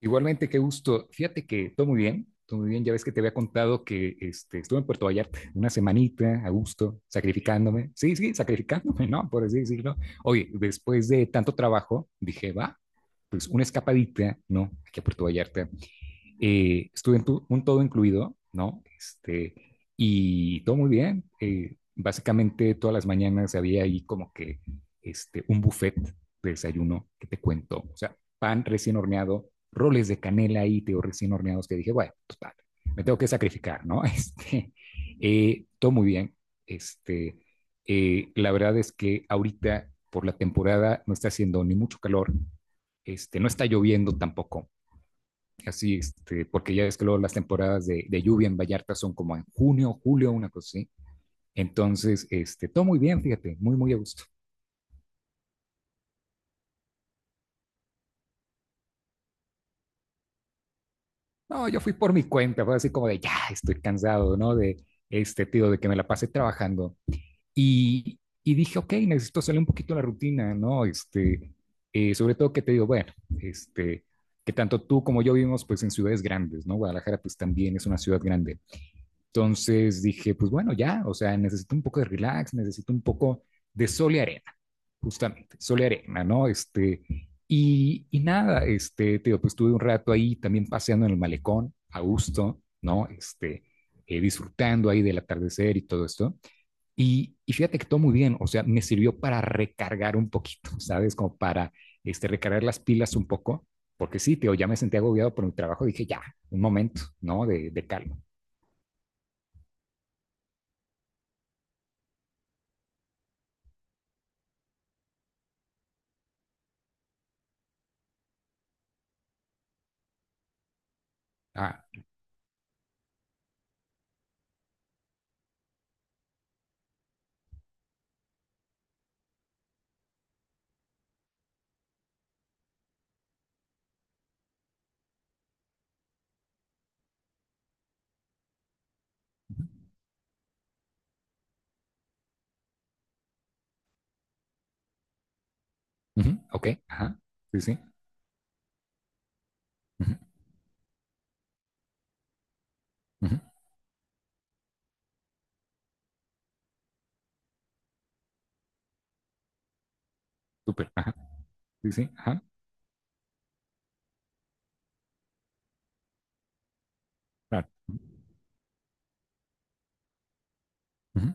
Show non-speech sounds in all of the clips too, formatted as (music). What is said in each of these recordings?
Igualmente, qué gusto. Fíjate que todo muy bien, todo muy bien. Ya ves que te había contado que estuve en Puerto Vallarta una semanita a gusto, sacrificándome. Sí, sí, sacrificándome, ¿no? Por así decirlo. Oye, después de tanto trabajo, dije, va, pues una escapadita, ¿no? Aquí a Puerto Vallarta estuve en un todo incluido, ¿no? Y todo muy bien. Básicamente todas las mañanas había ahí como que un buffet de desayuno que te cuento. O sea, pan recién horneado, roles de canela ahí, te digo, recién horneados, que dije, bueno, total, me tengo que sacrificar, ¿no? (laughs) Todo muy bien. Este, la verdad es que ahorita por la temporada no está haciendo ni mucho calor, no está lloviendo tampoco. Así, porque ya ves que luego las temporadas de lluvia en Vallarta son como en junio, julio, una cosa así. Entonces, todo muy bien, fíjate, muy, muy a gusto. No, yo fui por mi cuenta, fue así como de, ya, estoy cansado, ¿no? De este tío, de que me la pase trabajando. Y dije, ok, necesito salir un poquito de la rutina, ¿no? Sobre todo que te digo, bueno, este, que tanto tú como yo vivimos pues en ciudades grandes, ¿no? Guadalajara pues también es una ciudad grande. Entonces dije, pues bueno, ya, o sea, necesito un poco de relax, necesito un poco de sol y arena, justamente, sol y arena, ¿no? Y nada, te digo, pues estuve un rato ahí también paseando en el malecón, a gusto, ¿no? Disfrutando ahí del atardecer y todo esto. Y fíjate que todo muy bien, o sea, me sirvió para recargar un poquito, ¿sabes? Como para recargar las pilas un poco, porque sí, te digo, ya me sentía agobiado por mi trabajo, dije, ya, un momento, ¿no? De calma. Ah. Ujú. Ok, ajá. Sí, sí. Ujú. Ujú. Súper, ajá. Sí, sí, ajá. Claro. Ujú.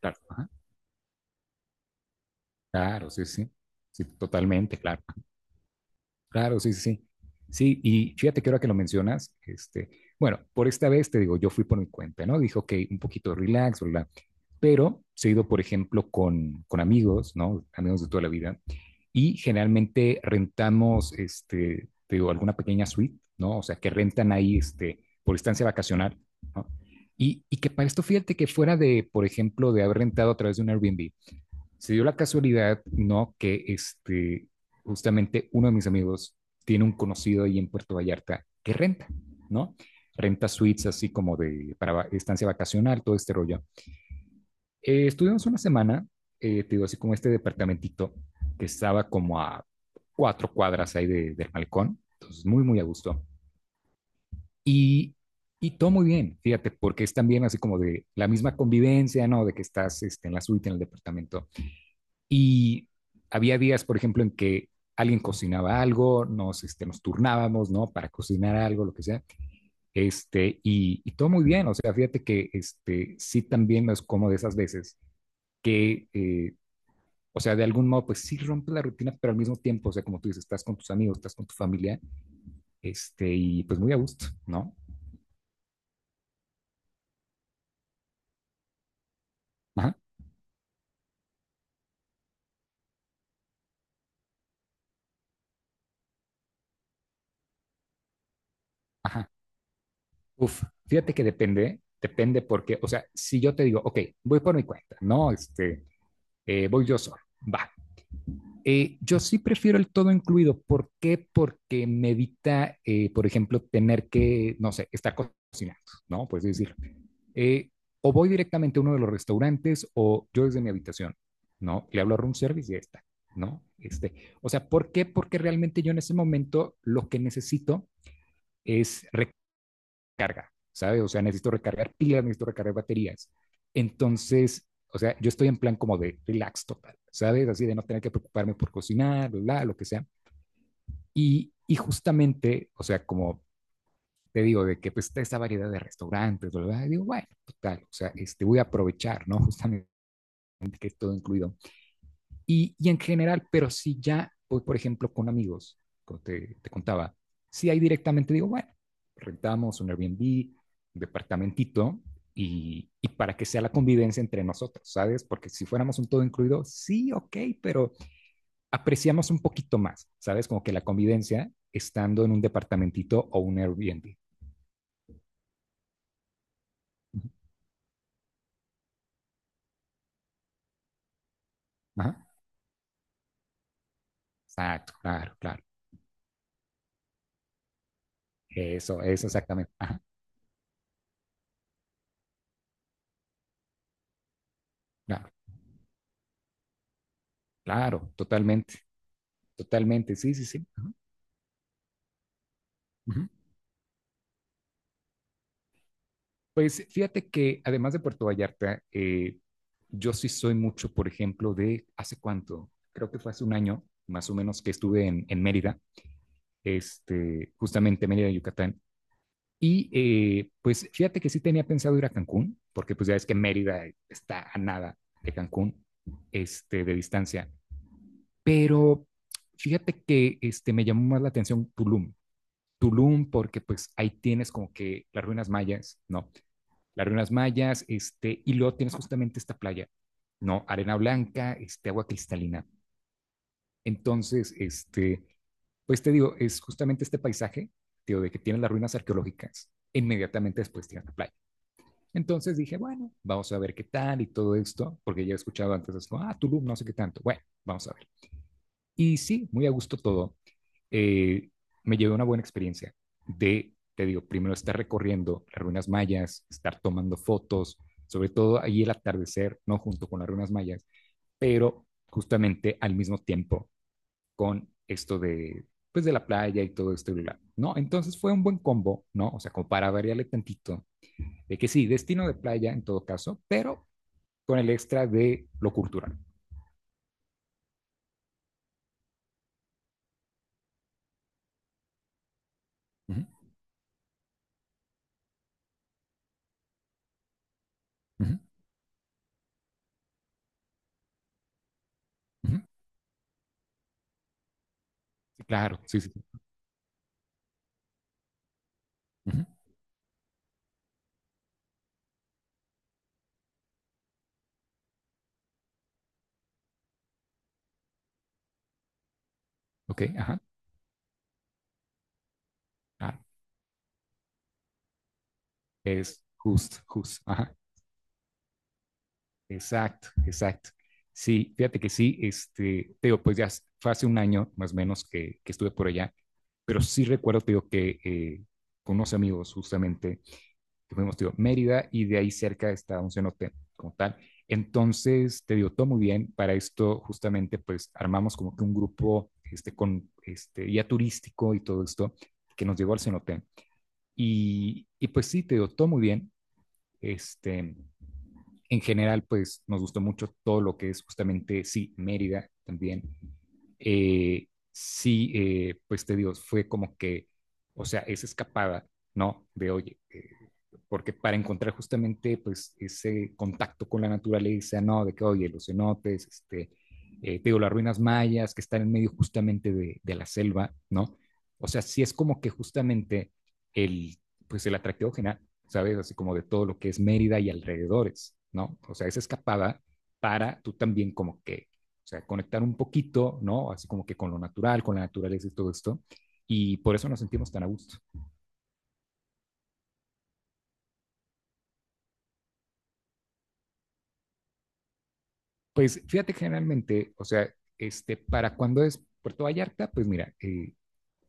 Claro, ajá. Claro, sí, sí. Sí, totalmente, claro. Claro, sí, sí, sí. Sí, y fíjate que ahora que lo mencionas, bueno, por esta vez te digo, yo fui por mi cuenta, ¿no? Dije, ok, un poquito relax, bla, bla. Pero se he ido, por ejemplo, con amigos, ¿no? Amigos de toda la vida, y generalmente rentamos, te digo, alguna pequeña suite, ¿no? O sea, que rentan ahí, por estancia vacacional, ¿no? Y que para esto, fíjate que fuera de, por ejemplo, de haber rentado a través de un Airbnb, se dio la casualidad, ¿no? Que justamente uno de mis amigos tiene un conocido ahí en Puerto Vallarta que renta, ¿no? Renta suites así como de, para estancia vacacional, todo este rollo. Estuvimos una semana, te digo, así como este departamentito que estaba como a 4 cuadras ahí del balcón, entonces muy, muy a gusto. Y, y todo muy bien, fíjate, porque es también así como de la misma convivencia, ¿no? De que estás en la suite, en el departamento, y había días, por ejemplo, en que alguien cocinaba algo, nos turnábamos, ¿no? Para cocinar algo, lo que sea, y todo muy bien, o sea, fíjate que, sí también es como de esas veces que, o sea, de algún modo, pues sí rompe la rutina, pero al mismo tiempo, o sea, como tú dices, estás con tus amigos, estás con tu familia, y pues muy a gusto, ¿no? Ajá, ajá, uf, fíjate que depende, depende porque, o sea, si yo te digo, ok, voy por mi cuenta, ¿no? Voy yo solo, va. Yo sí prefiero el todo incluido. ¿Por qué? Porque me evita, por ejemplo, tener que, no sé, estar cocinando, ¿no? Pues decir, eh, o voy directamente a uno de los restaurantes o yo desde mi habitación, ¿no? Le hablo a room service y ya está, ¿no? O sea, ¿por qué? Porque realmente yo en ese momento lo que necesito es carga, ¿sabes? O sea, necesito recargar pilas, necesito recargar baterías. Entonces, o sea, yo estoy en plan como de relax total, ¿sabes? Así de no tener que preocuparme por cocinar, bla, lo que sea. Y justamente, o sea, como te digo, de que pues está esa variedad de restaurantes, ¿verdad? Y digo, bueno, total, o sea, voy a aprovechar, ¿no? (laughs) Justamente que es todo incluido. Y en general, pero si ya voy, por ejemplo, con amigos, como te contaba, si ahí directamente digo, bueno, rentamos un Airbnb, un departamentito, y, para que sea la convivencia entre nosotros, ¿sabes? Porque si fuéramos un todo incluido, sí, ok, pero apreciamos un poquito más, ¿sabes? Como que la convivencia estando en un departamentito o un Airbnb. Ajá. Exacto, claro, claro. Eso exactamente. Ajá, claro, claro, totalmente, totalmente, sí, sí, sí. Ajá, ajá. Pues fíjate que además de Puerto Vallarta, yo sí soy mucho, por ejemplo, de hace cuánto, creo que fue hace un año, más o menos, que estuve en, Mérida, justamente Mérida, Yucatán. Pues fíjate que sí tenía pensado ir a Cancún, porque pues ya ves que Mérida está a nada de Cancún, de distancia. Pero fíjate que me llamó más la atención Tulum. Tulum, porque pues ahí tienes como que las ruinas mayas, ¿no? Las ruinas mayas, y luego tienes justamente esta playa, ¿no? Arena blanca, agua cristalina. Entonces, pues te digo, es justamente este paisaje, tío, de que tienes las ruinas arqueológicas, inmediatamente después tienes la playa. Entonces dije, bueno, vamos a ver qué tal y todo esto, porque ya he escuchado antes, así como, ah, Tulum, no sé qué tanto. Bueno, vamos a ver. Y sí, muy a gusto todo. eh, Me llevé una buena experiencia de, te digo, primero estar recorriendo las ruinas mayas, estar tomando fotos, sobre todo ahí el atardecer, no junto con las ruinas mayas, pero justamente al mismo tiempo con esto de, pues de la playa y todo esto, y bla, ¿no? Entonces fue un buen combo, ¿no? O sea, como para variarle tantito, de que sí, destino de playa en todo caso, pero con el extra de lo cultural. Uh -huh, uh -huh, uh -huh. Claro, sí, sí. Uh-huh. Ok, ajá, claro. Es just, just. Ajá. Exacto, exacto. Sí, fíjate que sí, te digo, pues ya fue hace un año más o menos que, estuve por allá, pero sí recuerdo, te digo, que con unos amigos justamente, que fuimos, te digo, Mérida y de ahí cerca está un cenote como tal. Entonces, te digo, todo muy bien. Para esto, justamente, pues armamos como que un grupo, con guía turístico y todo esto que nos llevó al cenote. Y pues sí, te digo, todo muy bien. Este, en general, pues nos gustó mucho todo lo que es justamente, sí, Mérida también. Sí, pues te digo, fue como que, o sea, esa escapada, ¿no? Oye, porque para encontrar justamente, pues, ese contacto con la naturaleza, ¿no? De que, oye, los cenotes, te digo, las ruinas mayas que están en medio justamente de la selva, ¿no? O sea, sí es como que justamente el, pues el atractivo general. ¿Sabes? Así como de todo lo que es Mérida y alrededores, ¿no? O sea, esa escapada para tú también como que, o sea, conectar un poquito, ¿no? Así como que con lo natural, con la naturaleza y todo esto. Y por eso nos sentimos tan a gusto. Pues fíjate, generalmente, o sea, para cuando es Puerto Vallarta, pues mira,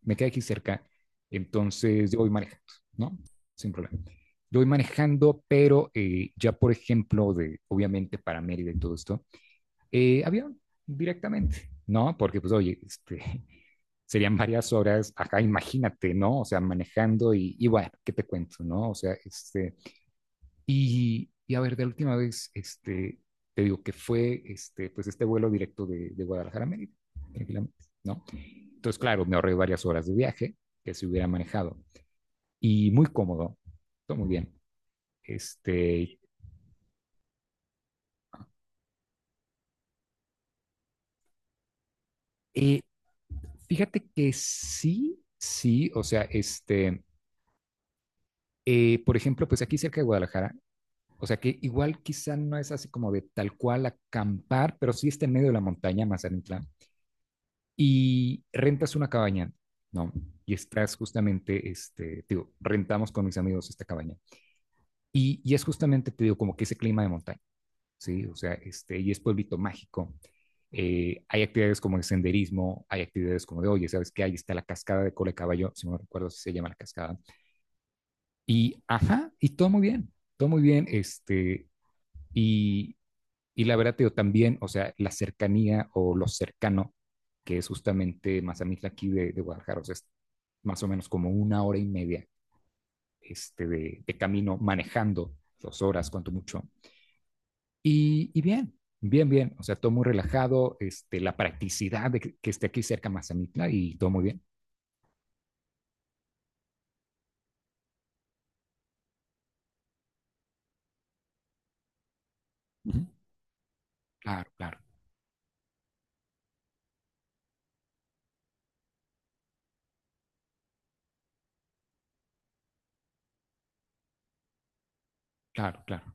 me queda aquí cerca, entonces yo voy manejando, ¿no? Sin problema. Yo voy manejando, pero ya, por ejemplo, de, obviamente para Mérida y todo esto, avión directamente, ¿no? Porque pues oye, (laughs) serían varias horas, acá imagínate, ¿no? O sea, manejando y bueno, ¿qué te cuento, no? O sea, y a ver, de la última vez, te digo que fue, pues este vuelo directo de, Guadalajara a Mérida, tranquilamente, ¿no? Entonces, claro, me ahorré varias horas de viaje que se hubiera manejado y muy cómodo, todo muy bien. Este, eh, fíjate que sí, sí, o sea, por ejemplo, pues aquí cerca de Guadalajara, o sea que igual quizá no es así como de tal cual acampar, pero sí está en medio de la montaña, Mazatlán, y rentas una cabaña, ¿no? Y estás justamente, te digo, rentamos con mis amigos esta cabaña. Y es justamente, te digo, como que ese clima de montaña, ¿sí? O sea, y es pueblito mágico. Hay actividades como el senderismo, hay actividades como de, oye, ¿sabes qué? Ahí está la cascada de cola de caballo, si no recuerdo si se llama la cascada. Y, ajá, y todo muy bien, todo muy bien. Y, la verdad, yo también, o sea, la cercanía o lo cercano, que es justamente Mazamitla aquí de, Guadalajara, o sea, es más o menos como una hora y media, de, camino manejando, 2 horas, cuanto mucho. Y, bien, bien, bien, o sea, todo muy relajado, la practicidad de que, esté aquí cerca Mazamitla y todo muy bien. Uh -huh. Claro, claro, claro, claro,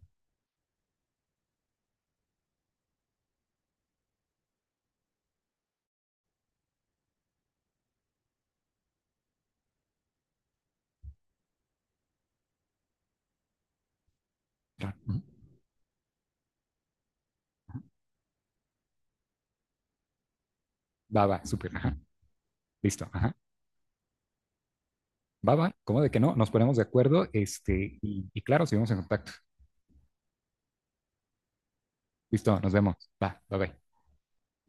claro. Uh -huh. Va, va, súper, ajá, listo, ajá. Va, va, ¿cómo de que no? Nos ponemos de acuerdo, y claro, seguimos en contacto. Listo, nos vemos. Va, bye bye.